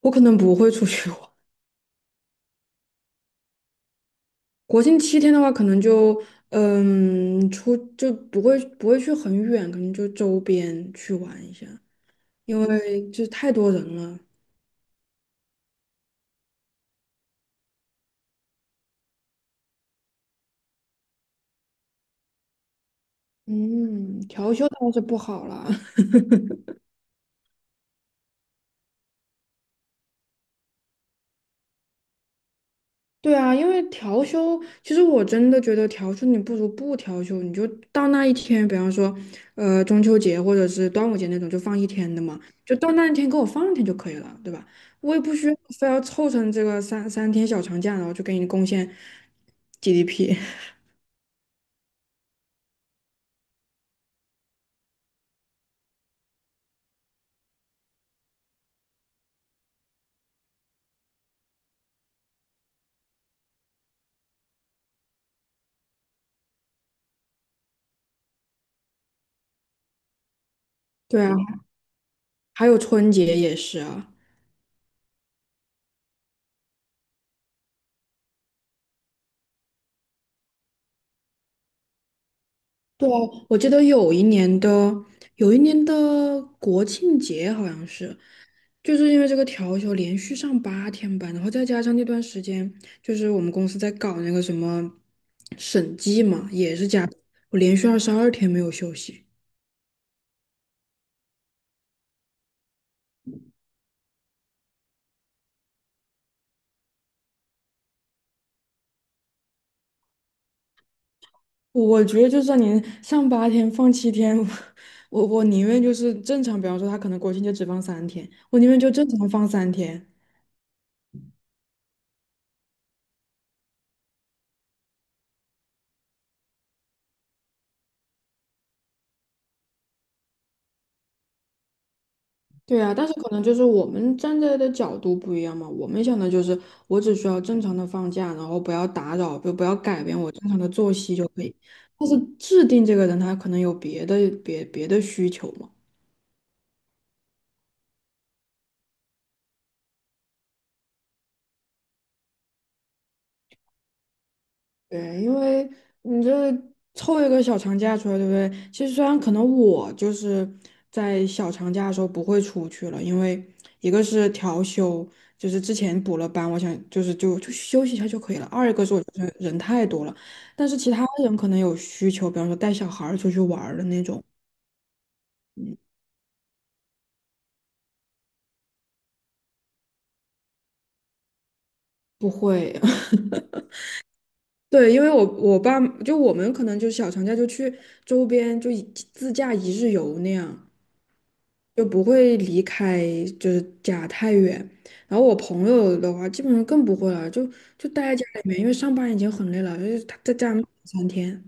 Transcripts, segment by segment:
我可能不会出去玩。国庆七天的话，可能就嗯出就不会去很远，可能就周边去玩一下，因为就太多人了。嗯，调休倒是不好了。对啊，因为调休，其实我真的觉得调休你不如不调休，你就到那一天，比方说，中秋节或者是端午节那种，就放一天的嘛，就到那一天给我放一天就可以了，对吧？我也不需要非要凑成这个三天小长假，然后就给你贡献 GDP。对啊，还有春节也是啊。对啊，我记得有一年的，有一年的国庆节好像是，就是因为这个调休连续上八天班，然后再加上那段时间，就是我们公司在搞那个什么审计嘛，也是加，我连续二十二天没有休息。我觉得就算您上八天放七天，我我宁愿就是正常，比方说他可能国庆节只放三天，我宁愿就正常放三天。对啊，但是可能就是我们站在的角度不一样嘛。我们想的就是，我只需要正常的放假，然后不要打扰，就不要改变我正常的作息就可以。但是制定这个人，他可能有别的别的需求嘛。对，因为你这凑一个小长假出来，对不对？其实虽然可能我就是在小长假的时候不会出去了，因为一个是调休，就是之前补了班，我想就是就休息一下就可以了。二一个是我觉得人太多了，但是其他人可能有需求，比方说带小孩儿出去玩儿的那种，不会。对，因为我就我们可能就小长假就去周边自驾一日游那样。就不会离开就是家太远。然后我朋友的话，基本上更不会了，就待在家里面，因为上班已经很累了，就是他在家三天。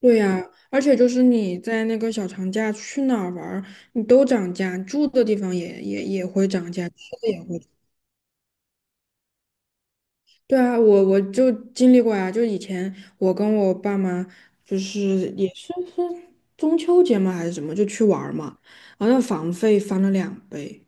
对呀，而且就是你在那个小长假去哪儿玩儿，你都涨价，住的地方也会涨价，吃的也会。对啊，我就经历过呀，就以前我跟我爸妈就是也是中秋节嘛还是什么，就去玩儿嘛，然后那房费翻了两倍。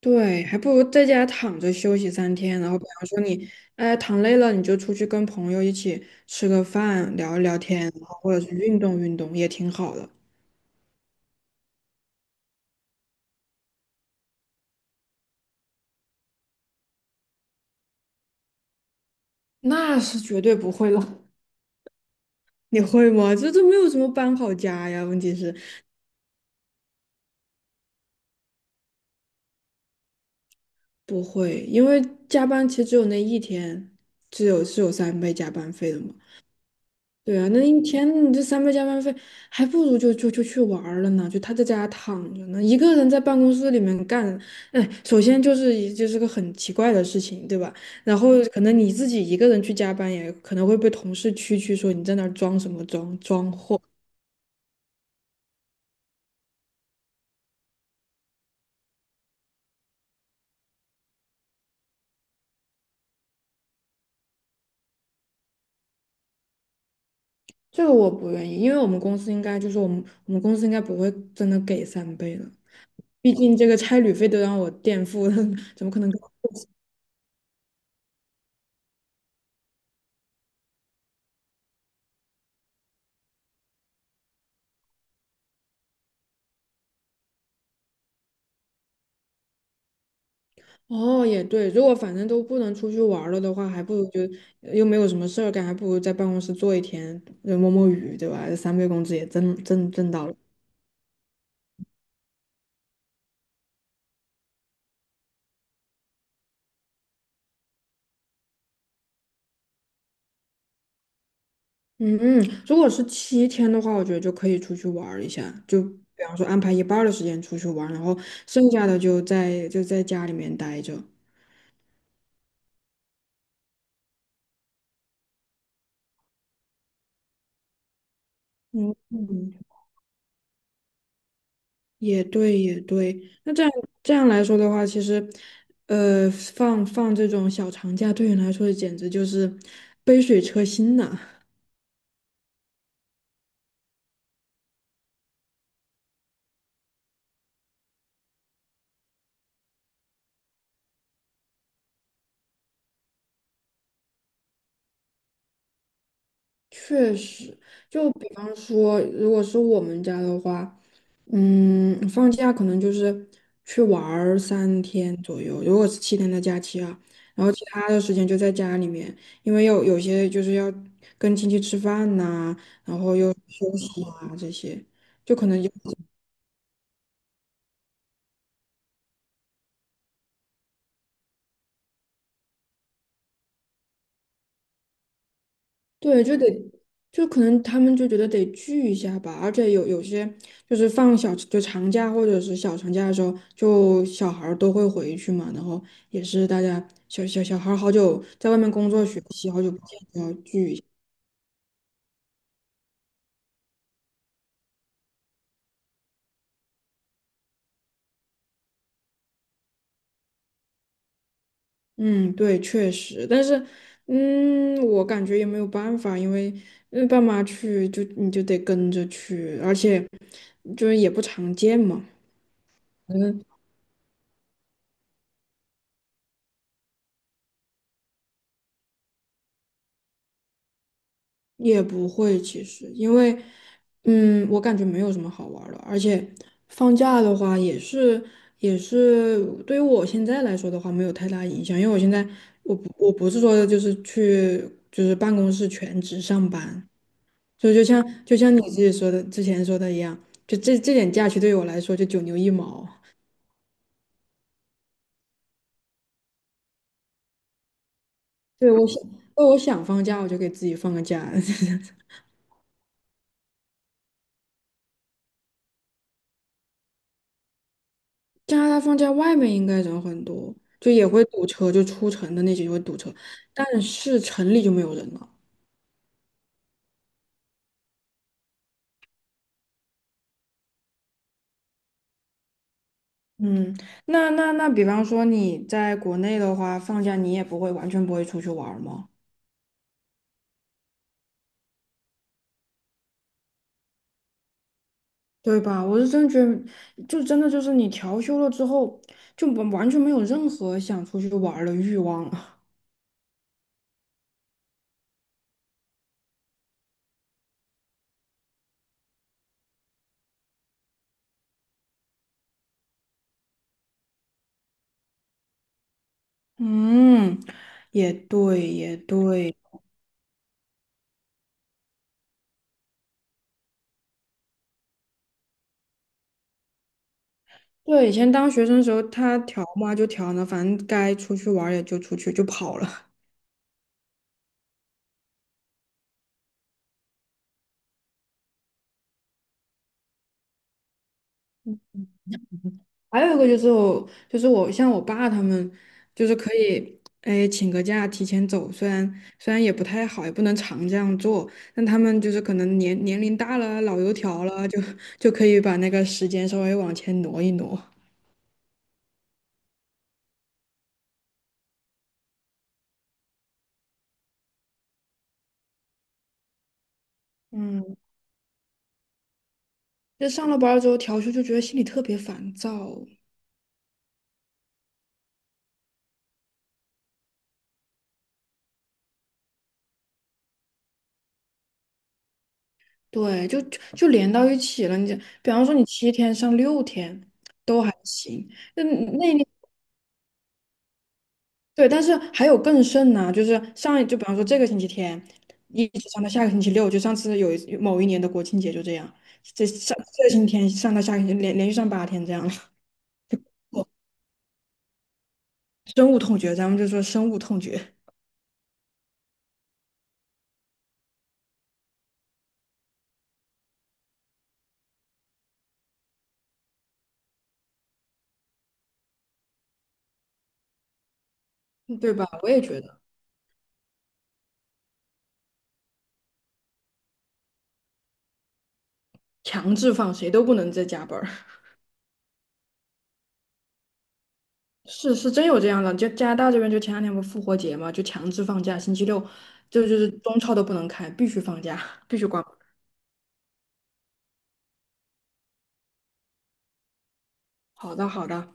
对，还不如在家躺着休息三天，然后比方说你，哎，躺累了，你就出去跟朋友一起吃个饭，聊一聊天，然后或者是运动运动，也挺好的。那是绝对不会了。你会吗？这这没有什么搬好家呀，问题是不会，因为加班其实只有那一天，只有是有三倍加班费的嘛。对啊，那一天你这三倍加班费，还不如就去玩儿了呢，就他在家躺着呢，一个人在办公室里面干，哎，首先就是个很奇怪的事情，对吧？然后可能你自己一个人去加班，也可能会被同事蛐蛐说你在那儿装什么装货，这个我不愿意，因为我们公司应该就是我们公司应该不会真的给三倍的，毕竟这个差旅费都让我垫付了，怎么可能？哦，也对，如果反正都不能出去玩儿了的话，还不如就又没有什么事儿干，还不如在办公室坐一天，就摸摸鱼，对吧？这三倍工资也挣到了。嗯嗯，如果是七天的话，我觉得就可以出去玩儿一下，就比方说安排一半儿的时间出去玩儿然后剩下的就在家里面待着。嗯，嗯也对，也对。那这样这样来说的话，其实，放这种小长假对你来说简直就是杯水车薪呐。确实，就比方说，如果是我们家的话，嗯，放假可能就是去玩儿三天左右，如果是七天的假期啊，然后其他的时间就在家里面，因为有些就是要跟亲戚吃饭呐、然后又休息啊这些。就可能。对，就得就可能他们就觉得得聚一下吧，而且有些就是放长假或者是小长假的时候，就小孩儿都会回去嘛，然后也是大家小孩儿好久在外面工作学习，好久不见。嗯，对，确实，但是嗯，我感觉也没有办法，因为嗯爸妈去就你就得跟着去，而且就是也不常见嘛。也不会，其实因为，嗯，我感觉没有什么好玩儿的，而且放假的话也是对于我现在来说的话没有太大影响，因为我现在我不是说就是去办公室全职上班，就像你自己说的之前说的一样，就这点假期对于我来说就九牛一毛，对我想对我想放假我就给自己放个假，加拿大放假外面应该人很多，就也会堵车，就出城的那些就会堵车，但是城里就没有人了。嗯，那，比方说你在国内的话，放假你也不会完全不会出去玩儿吗？对吧？我是真觉得，就真的就是你调休了之后，就完完全没有任何想出去玩儿的欲望了。嗯，也对，也对。对，以前当学生时候，他调嘛就调呢，反正该出去玩儿也就出去，就跑了。还有一个就是我，就是我像我爸他们，就是可以，哎，请个假提前走，虽然也不太好，也不能常这样做，但他们就是可能年龄大了，老油条了，就可以把那个时间稍微往前挪一挪。嗯，就上了班儿之后调休，就觉得心里特别烦躁，对，就连到一起了。你这，比方说你七天上六天都还行，那那对，但是还有更甚呢，就是上一就比方说这个星期天，一直上到下个星期六，就上次有某一年的国庆节就这样，这上这个星期天上到下个星期连续上八天这样了，深恶痛绝，咱们就说深恶痛绝，嗯对吧？我也觉得强制放谁都不能再加班儿，是是真有这样的，就加拿大这边就前两天不复活节嘛，就强制放假，星期六就是中超都不能开，必须放假，必须关门。好的好的。